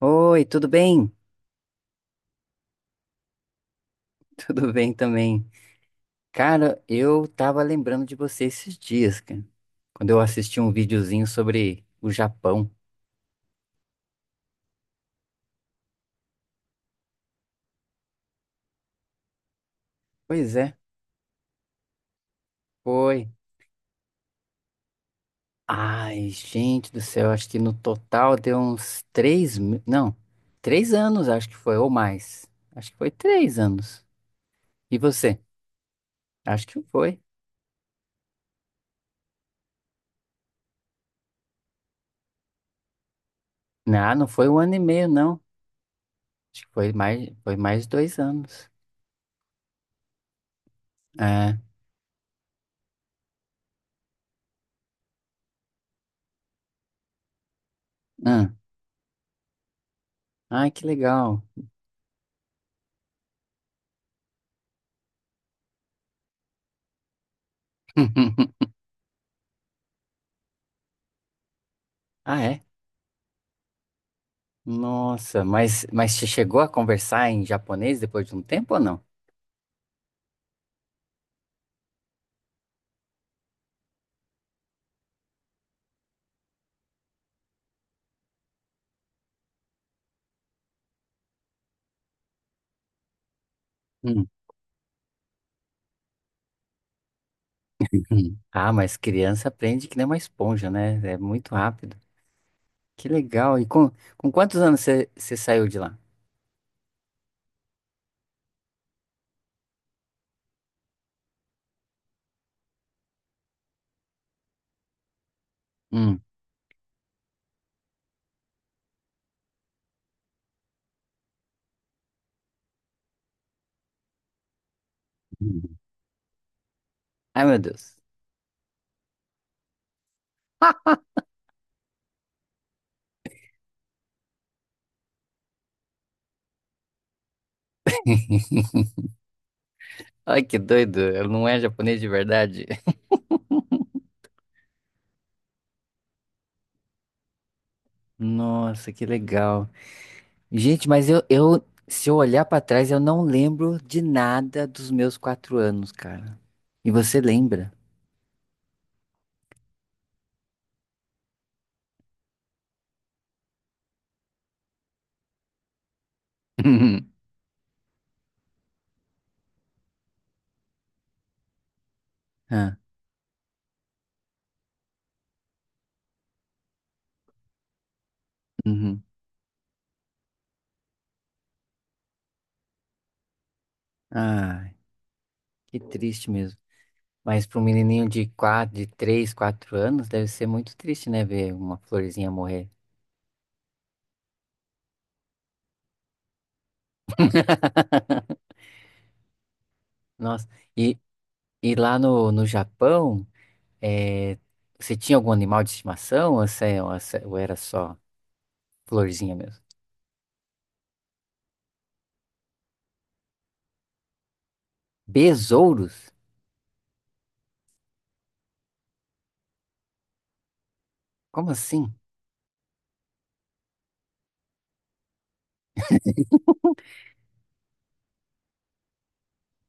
Oi, tudo bem? Tudo bem também. Cara, eu tava lembrando de você esses dias, cara. Quando eu assisti um videozinho sobre o Japão. Pois é, foi. Ai, gente do céu, acho que no total deu uns três, não, três anos, acho que foi, ou mais. Acho que foi três anos. E você? Acho que foi. Não, não foi um ano e meio, não. Acho que foi mais dois anos. É. Ah, ai, que legal. Ah, é? Nossa, mas você chegou a conversar em japonês depois de um tempo ou não? Hum, Ah, mas criança aprende que nem uma esponja, né? É muito rápido. Que legal. Com quantos anos você saiu de lá? Hum, hum. Ai, meu Deus. Ai, que doido. Ele não é japonês de verdade. Nossa, que legal. Gente, mas eu se eu olhar pra trás, eu não lembro de nada dos meus quatro anos, cara. E você lembra? Ah, uhum. Ai, que triste mesmo. Mas para um menininho de quatro, de 3, 4 anos, deve ser muito triste, né? Ver uma florzinha morrer. Nossa, e, e lá no, no Japão, eh, você tinha algum animal de estimação ou, você- ou você- ou era só florzinha mesmo? Besouros? Como assim?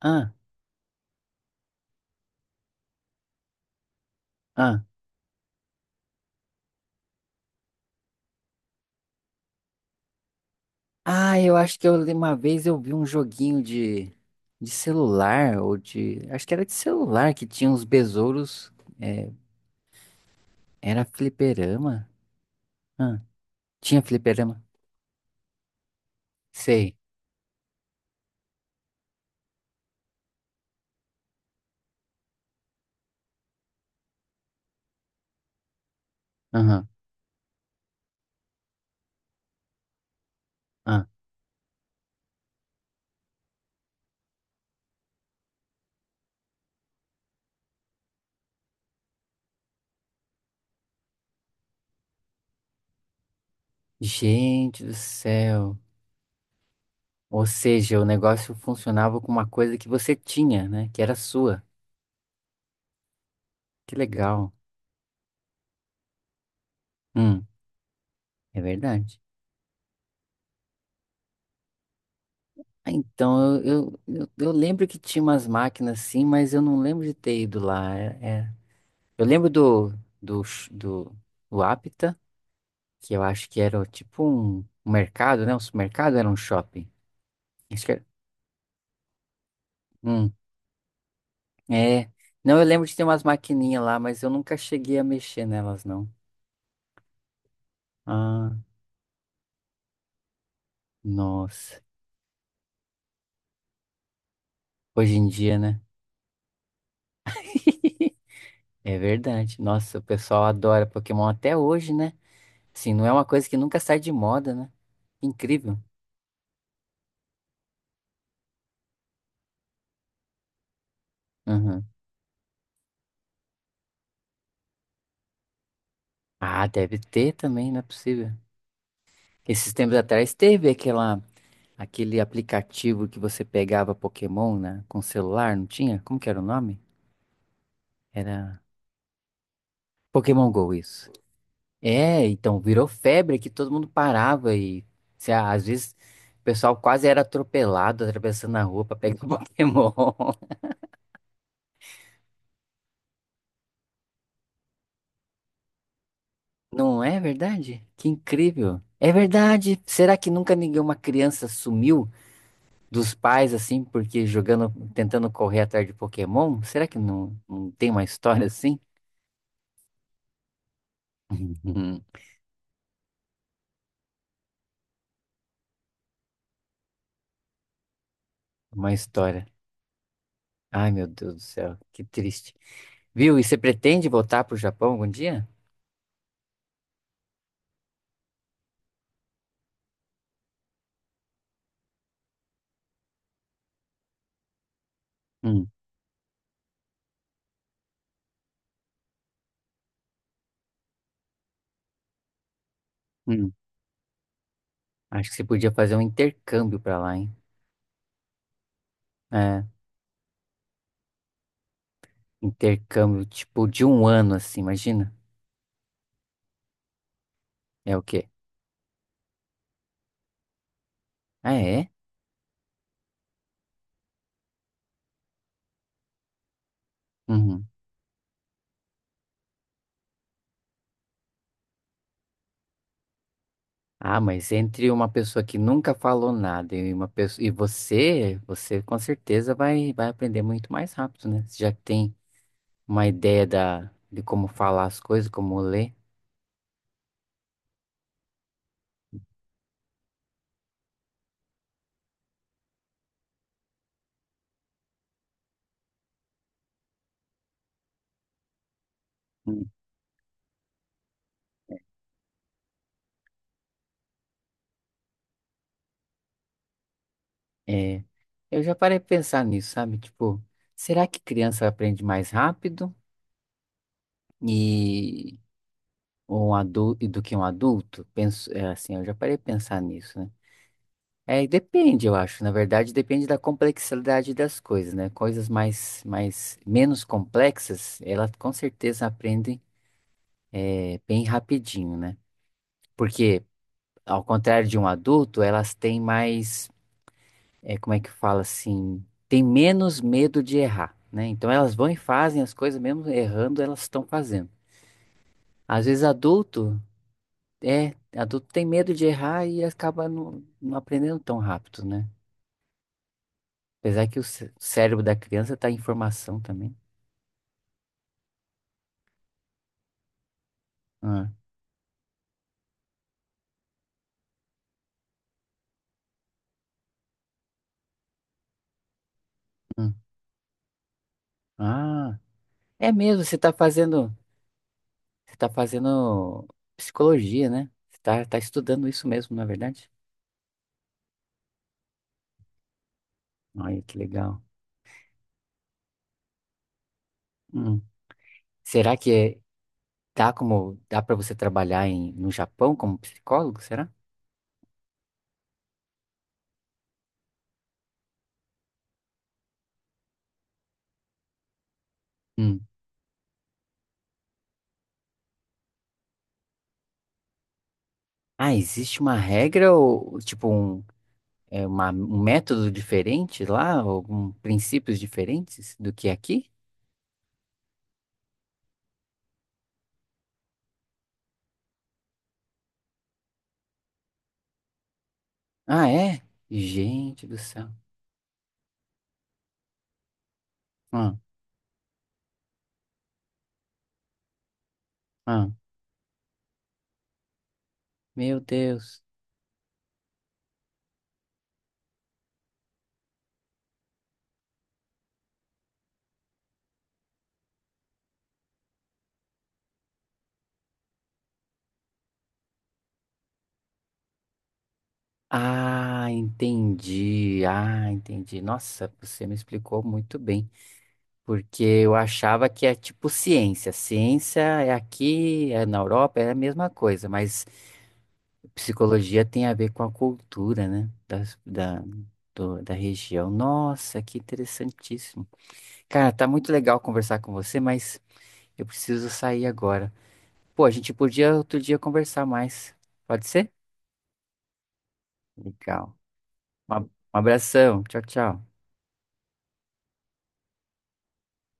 Ah, ah. Ah, eu acho que eu, li- uma vez eu vi um joguinho de celular, ou de. Acho que era de celular que tinha uns besouros. eh, era fliperama? Ah, tinha fliperama? Sei. Ah, gente do céu. Ou seja, o negócio funcionava com uma coisa que você tinha, né? Que era sua. Que legal. Hum, é verdade. Ah, então, eu lembro que tinha umas máquinas assim, mas eu não lembro de ter ido lá. É, é. Eu lembro do, do, ch- do, do Apta, que eu acho que era tipo um, um mercado, né? Um supermercado, era um shopping. Acho que era. Hum, é. Não, eu lembro de ter umas maquininhas lá, mas eu nunca cheguei a mexer nelas, não. Ah. Nossa, hoje em dia, né? É verdade. Nossa, o pessoal adora Pokémon até hoje, né? Assim, não é uma coisa que nunca sai de moda, né? Incrível. Uhum. Ah, deve ter também, não é possível. Esses tempos atrás teve aquela, aquele aplicativo que você pegava Pokémon, né? Com celular, não tinha? Como que era o nome? Era Pokémon Go, isso. É, então virou febre que todo mundo parava e se- às vezes o pessoal quase era atropelado atravessando a rua pra pegar o Pokémon. Não é verdade? Que incrível. É verdade. Será que nunca nenhuma criança sumiu dos pais assim porque jogando, tentando correr atrás de Pokémon? Será que não, não tem uma história assim? Uma história. Ai, meu Deus do céu, que triste. Viu? E você pretende voltar pro Japão algum dia? Hum, hum. Acho que você podia fazer um intercâmbio pra lá, hein? É, intercâmbio tipo de um ano, assim, imagina. É o quê? Ah, é? Uhum. Ah, mas entre uma pessoa que nunca falou nada e uma pessoa e você, você com certeza vai aprender muito mais rápido, né? Você já tem uma ideia da de como falar as coisas, como ler. Hum. É, eu já parei de pensar nisso, sabe? Tipo, será que criança aprende mais rápido? Ou um adulto e do que um adulto? Penso, é, assim, eu já parei de pensar nisso, né? É, e depende, eu acho. Na verdade, depende da complexidade das coisas, né? Coisas mais, mais menos complexas, elas com certeza aprendem é, bem rapidinho, né? Porque, ao contrário de um adulto, elas têm mais, é, como é que fala assim, têm menos medo de errar, né? Então elas vão e fazem as coisas, mesmo errando, elas estão fazendo. Às vezes adulto é, adulto tem medo de errar e acaba não, não aprendendo tão rápido, né? Apesar que o cérebro da criança tá em formação também. Ah, hum. Ah, é mesmo, você tá fazendo psicologia, né? Você tá, tá estudando isso mesmo, na é verdade? Olha que legal. Hum. Será que é- Dá como, dá para você trabalhar em, no Japão como psicólogo, será? Hum. Ah, existe uma regra ou tipo um é uma, um método diferente lá, algum princípios diferentes do que aqui? Ah, é? Gente do céu. Ah, ah, meu Deus. Ah, entendi. Ah, entendi. Nossa, você me explicou muito bem, porque eu achava que é tipo ciência. Ciência é aqui, é na Europa, é a mesma coisa, mas psicologia tem a ver com a cultura, né? Das, da, da região. Nossa, que interessantíssimo. Cara, tá muito legal conversar com você, mas eu preciso sair agora. Pô, a gente podia outro dia conversar mais. Pode ser? Legal. Um ab- um abração. Tchau, tchau.